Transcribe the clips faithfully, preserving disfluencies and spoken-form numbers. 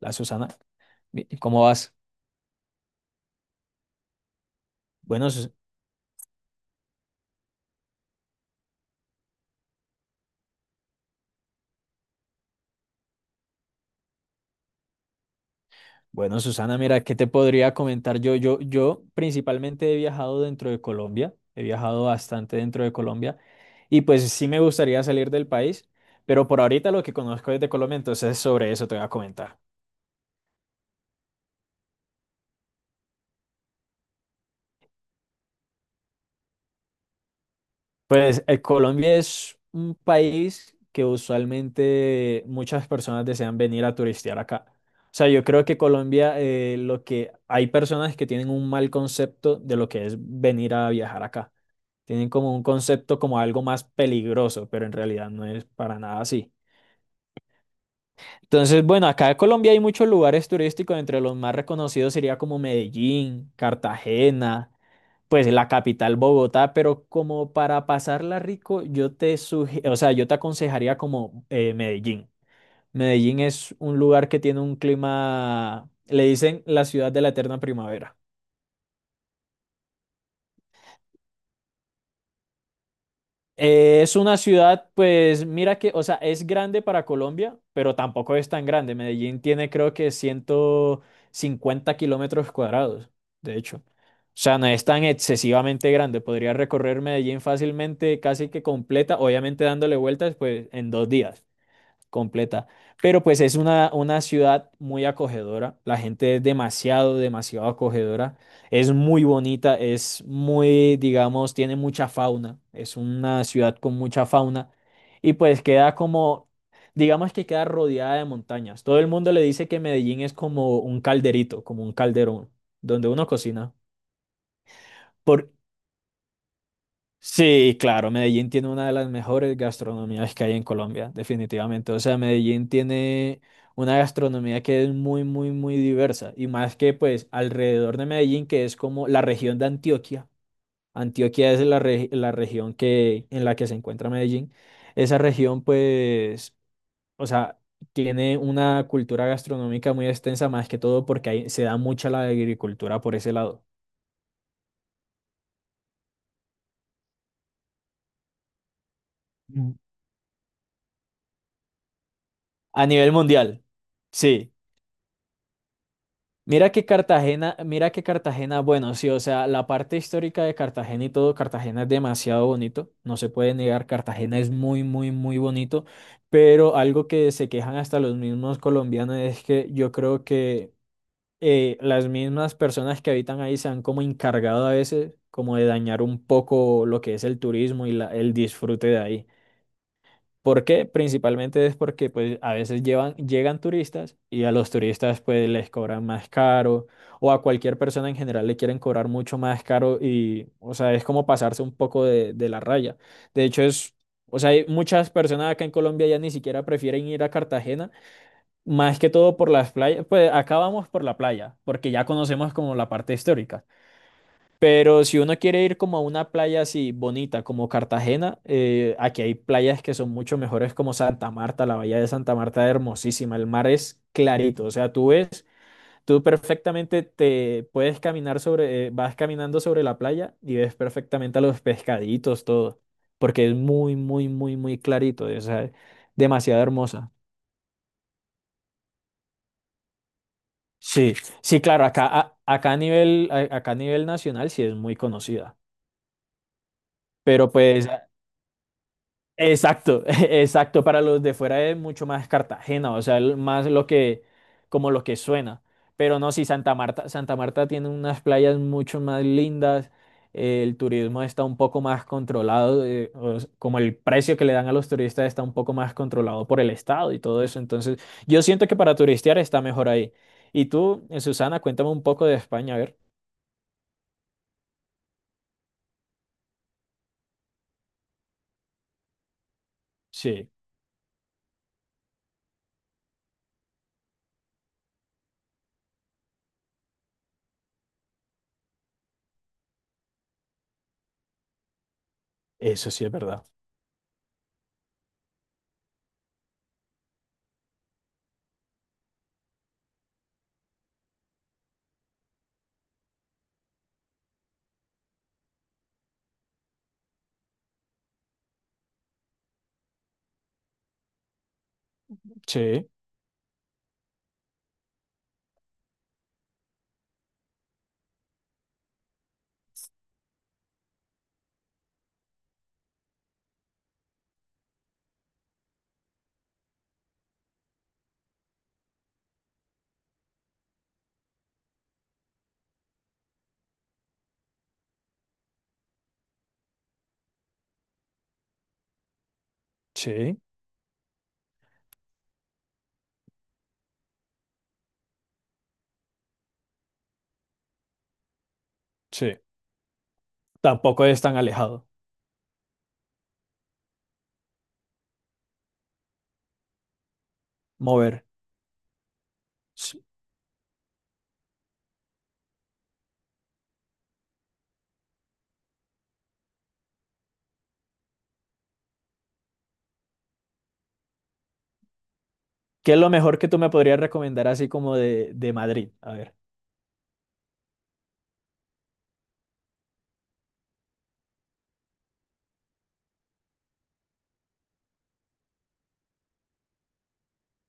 La Susana, mi- ¿cómo vas? Bueno, Sus- bueno, Susana, mira, ¿qué te podría comentar yo? Yo, yo principalmente he viajado dentro de Colombia, he viajado bastante dentro de Colombia y pues sí me gustaría salir del país, pero por ahorita lo que conozco es de Colombia, entonces sobre eso te voy a comentar. Pues eh, Colombia es un país que usualmente muchas personas desean venir a turistear acá. O sea, yo creo que Colombia, eh, lo que hay personas que tienen un mal concepto de lo que es venir a viajar acá. Tienen como un concepto como algo más peligroso, pero en realidad no es para nada así. Entonces, bueno, acá en Colombia hay muchos lugares turísticos, entre los más reconocidos sería como Medellín, Cartagena, pues la capital Bogotá, pero como para pasarla rico, yo te sugi- o sea, yo te aconsejaría como eh, Medellín. Medellín es un lugar que tiene un clima, le dicen la ciudad de la eterna primavera. Eh, es una ciudad, pues mira que, o sea, es grande para Colombia, pero tampoco es tan grande. Medellín tiene creo que ciento cincuenta kilómetros cuadrados, de hecho. O sea, no es tan excesivamente grande. Podría recorrer Medellín fácilmente, casi que completa, obviamente dándole vueltas, pues en dos días completa. Pero pues es una, una ciudad muy acogedora, la gente es demasiado, demasiado acogedora, es muy bonita, es muy, digamos, tiene mucha fauna, es una ciudad con mucha fauna y pues queda como, digamos que queda rodeada de montañas. Todo el mundo le dice que Medellín es como un calderito, como un calderón, donde uno cocina. Por, Sí, claro, Medellín tiene una de las mejores gastronomías que hay en Colombia, definitivamente. O sea, Medellín tiene una gastronomía que es muy, muy, muy diversa. Y más que pues alrededor de Medellín, que es como la región de Antioquia. Antioquia es la, re- la región que, en la que se encuentra Medellín. Esa región pues, o sea, tiene una cultura gastronómica muy extensa, más que todo porque ahí se da mucha la agricultura por ese lado. Mm. A nivel mundial, sí. Mira que Cartagena, mira que Cartagena, bueno, sí, o sea, la parte histórica de Cartagena y todo, Cartagena es demasiado bonito, no se puede negar, Cartagena es muy, muy, muy bonito, pero algo que se quejan hasta los mismos colombianos es que yo creo que eh, las mismas personas que habitan ahí se han como encargado a veces como de dañar un poco lo que es el turismo y la- el disfrute de ahí. ¿Por qué? Principalmente es porque pues a veces llevan, llegan turistas y a los turistas pues les cobran más caro o a cualquier persona en general le quieren cobrar mucho más caro y o sea es como pasarse un poco de, de la raya. De hecho es, o sea hay muchas personas acá en Colombia ya ni siquiera prefieren ir a Cartagena más que todo por las playas, pues acá vamos por la playa porque ya conocemos como la parte histórica. Pero si uno quiere ir como a una playa así bonita como Cartagena, eh, aquí hay playas que son mucho mejores como Santa Marta, la bahía de Santa Marta es hermosísima, el mar es clarito, o sea, tú ves, tú perfectamente te puedes caminar sobre, eh, vas caminando sobre la playa y ves perfectamente a los pescaditos, todo, porque es muy, muy, muy, muy clarito, o sea, es demasiado hermosa. Sí, sí, claro, acá, a- acá a nivel, a- acá a nivel nacional sí es muy conocida. Pero pues Exacto, exacto. Para los de fuera es mucho más Cartagena, o sea, el- más lo que, como lo que suena. Pero no, sí, Santa Marta, Santa Marta tiene unas playas mucho más lindas. Eh, el turismo está un poco más controlado, eh, o s- como el precio que le dan a los turistas está un poco más controlado por el Estado y todo eso. Entonces, yo siento que para turistear está mejor ahí. Y tú, eh, Susana, cuéntame un poco de España, a ver. Sí, eso sí es verdad. Sí, sí, sí. Tampoco es tan alejado mover. Sí. ¿Qué es lo mejor que tú me podrías recomendar así como de, de Madrid? A ver.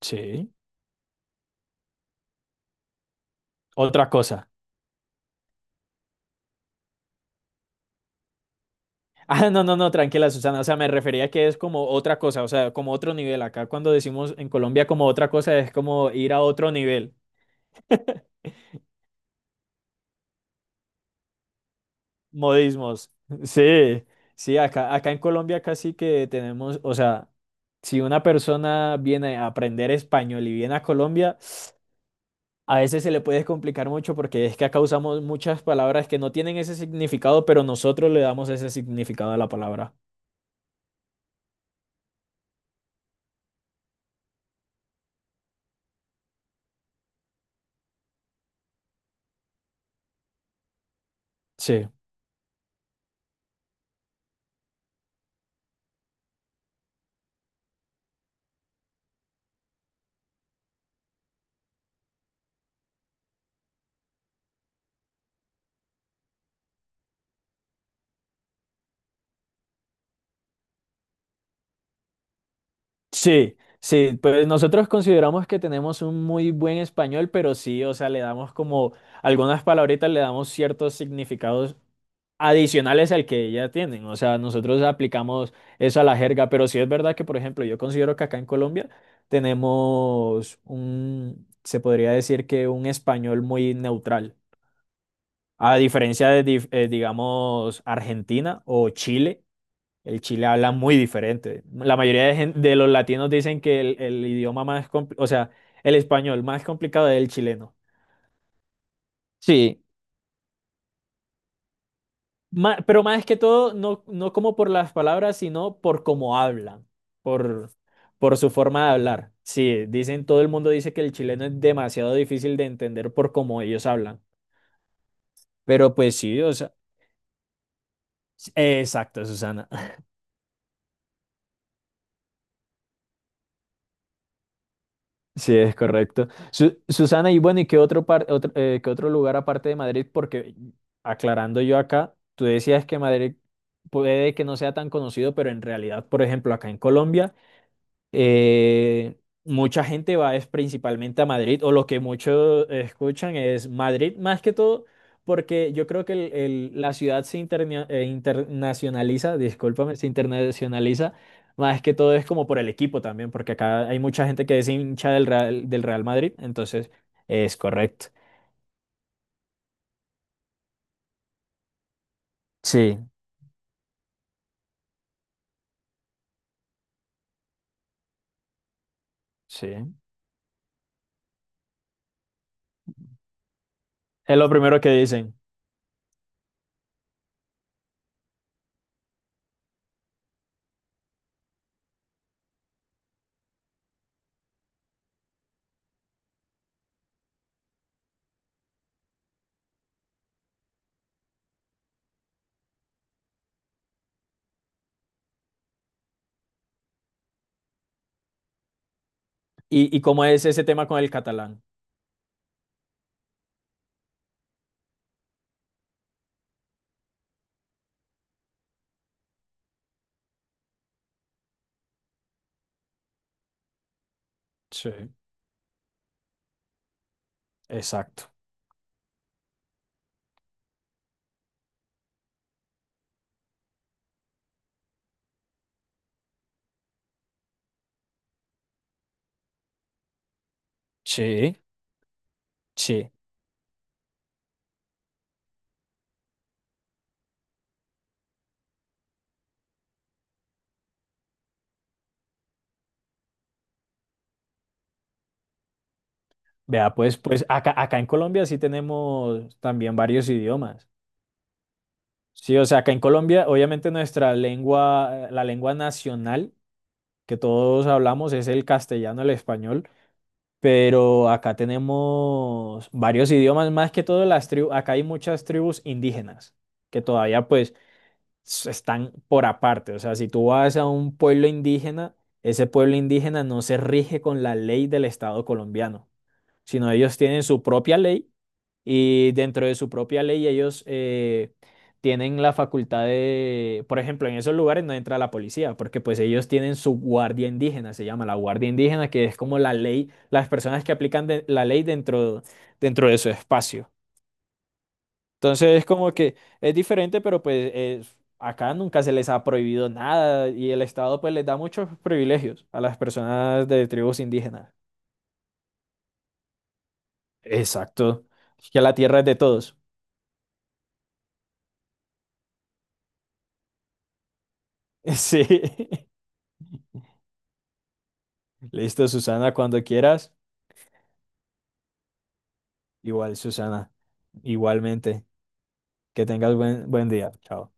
Sí. Otra cosa. Ah, no, no, no, tranquila, Susana. O sea, me refería que es como otra cosa, o sea, como otro nivel. Acá cuando decimos en Colombia como otra cosa es como ir a otro nivel. Modismos. Sí, sí, acá, acá en Colombia casi que tenemos, o sea, si una persona viene a aprender español y viene a Colombia, a veces se le puede complicar mucho porque es que acá usamos muchas palabras que no tienen ese significado, pero nosotros le damos ese significado a la palabra. Sí, sí, sí. Pues nosotros consideramos que tenemos un muy buen español, pero sí, o sea, le damos como algunas palabritas, le damos ciertos significados adicionales al que ya tienen. O sea, nosotros aplicamos eso a la jerga, pero sí es verdad que, por ejemplo, yo considero que acá en Colombia tenemos un, se podría decir que un español muy neutral. A diferencia de, dif- eh, digamos, Argentina o Chile, el Chile habla muy diferente. La mayoría de, gen- de los latinos dicen que el, el idioma más, compli- o sea, el español más complicado es el chileno. Sí, Ma- pero más que todo, no, no como por las palabras, sino por cómo hablan, por, por su forma de hablar. Sí, dicen, todo el mundo dice que el chileno es demasiado difícil de entender por cómo ellos hablan. Pero pues sí, o sea, s- exacto, Susana. Sí, es correcto. Su- Susana, y bueno, ¿y qué otro, par- otro, eh, qué otro lugar aparte de Madrid? Porque aclarando yo acá, tú decías que Madrid puede que no sea tan conocido, pero en realidad, por ejemplo, acá en Colombia. Eh, mucha gente va es principalmente a Madrid, o lo que muchos escuchan es Madrid, más que todo, porque yo creo que el- el- la ciudad se interna- eh, internacionaliza, discúlpame, se internacionaliza, más que todo es como por el equipo también, porque acá hay mucha gente que es hincha del Real, del Real Madrid, entonces es correcto. Sí, sí. Es lo primero que dicen. ¿Y, y cómo es ese tema con el catalán? Sí, exacto. Sí, sí. Vea, pues, pues acá, acá en Colombia sí tenemos también varios idiomas. Sí, o sea, acá en Colombia, obviamente nuestra lengua, la lengua nacional que todos hablamos es el castellano, el español, pero acá tenemos varios idiomas, más que todo las tribus, acá hay muchas tribus indígenas que todavía pues s- están por aparte. O sea, si tú vas a un pueblo indígena, ese pueblo indígena no se rige con la ley del Estado colombiano, sino ellos tienen su propia ley. Y dentro de su propia ley ellos eh, tienen la facultad de, por ejemplo, en esos lugares no entra la policía, porque pues ellos tienen su guardia indígena, se llama la guardia indígena, que es como la ley, las personas que aplican de- la ley dentro, dentro de su espacio. Entonces es como que es diferente, pero pues es- acá nunca se les ha prohibido nada y el Estado pues les da muchos privilegios a las personas de tribus indígenas. Exacto. Que la tierra es de todos. Sí. Listo, Susana, cuando quieras. Igual, Susana. Igualmente. Que tengas buen, buen día. Chao.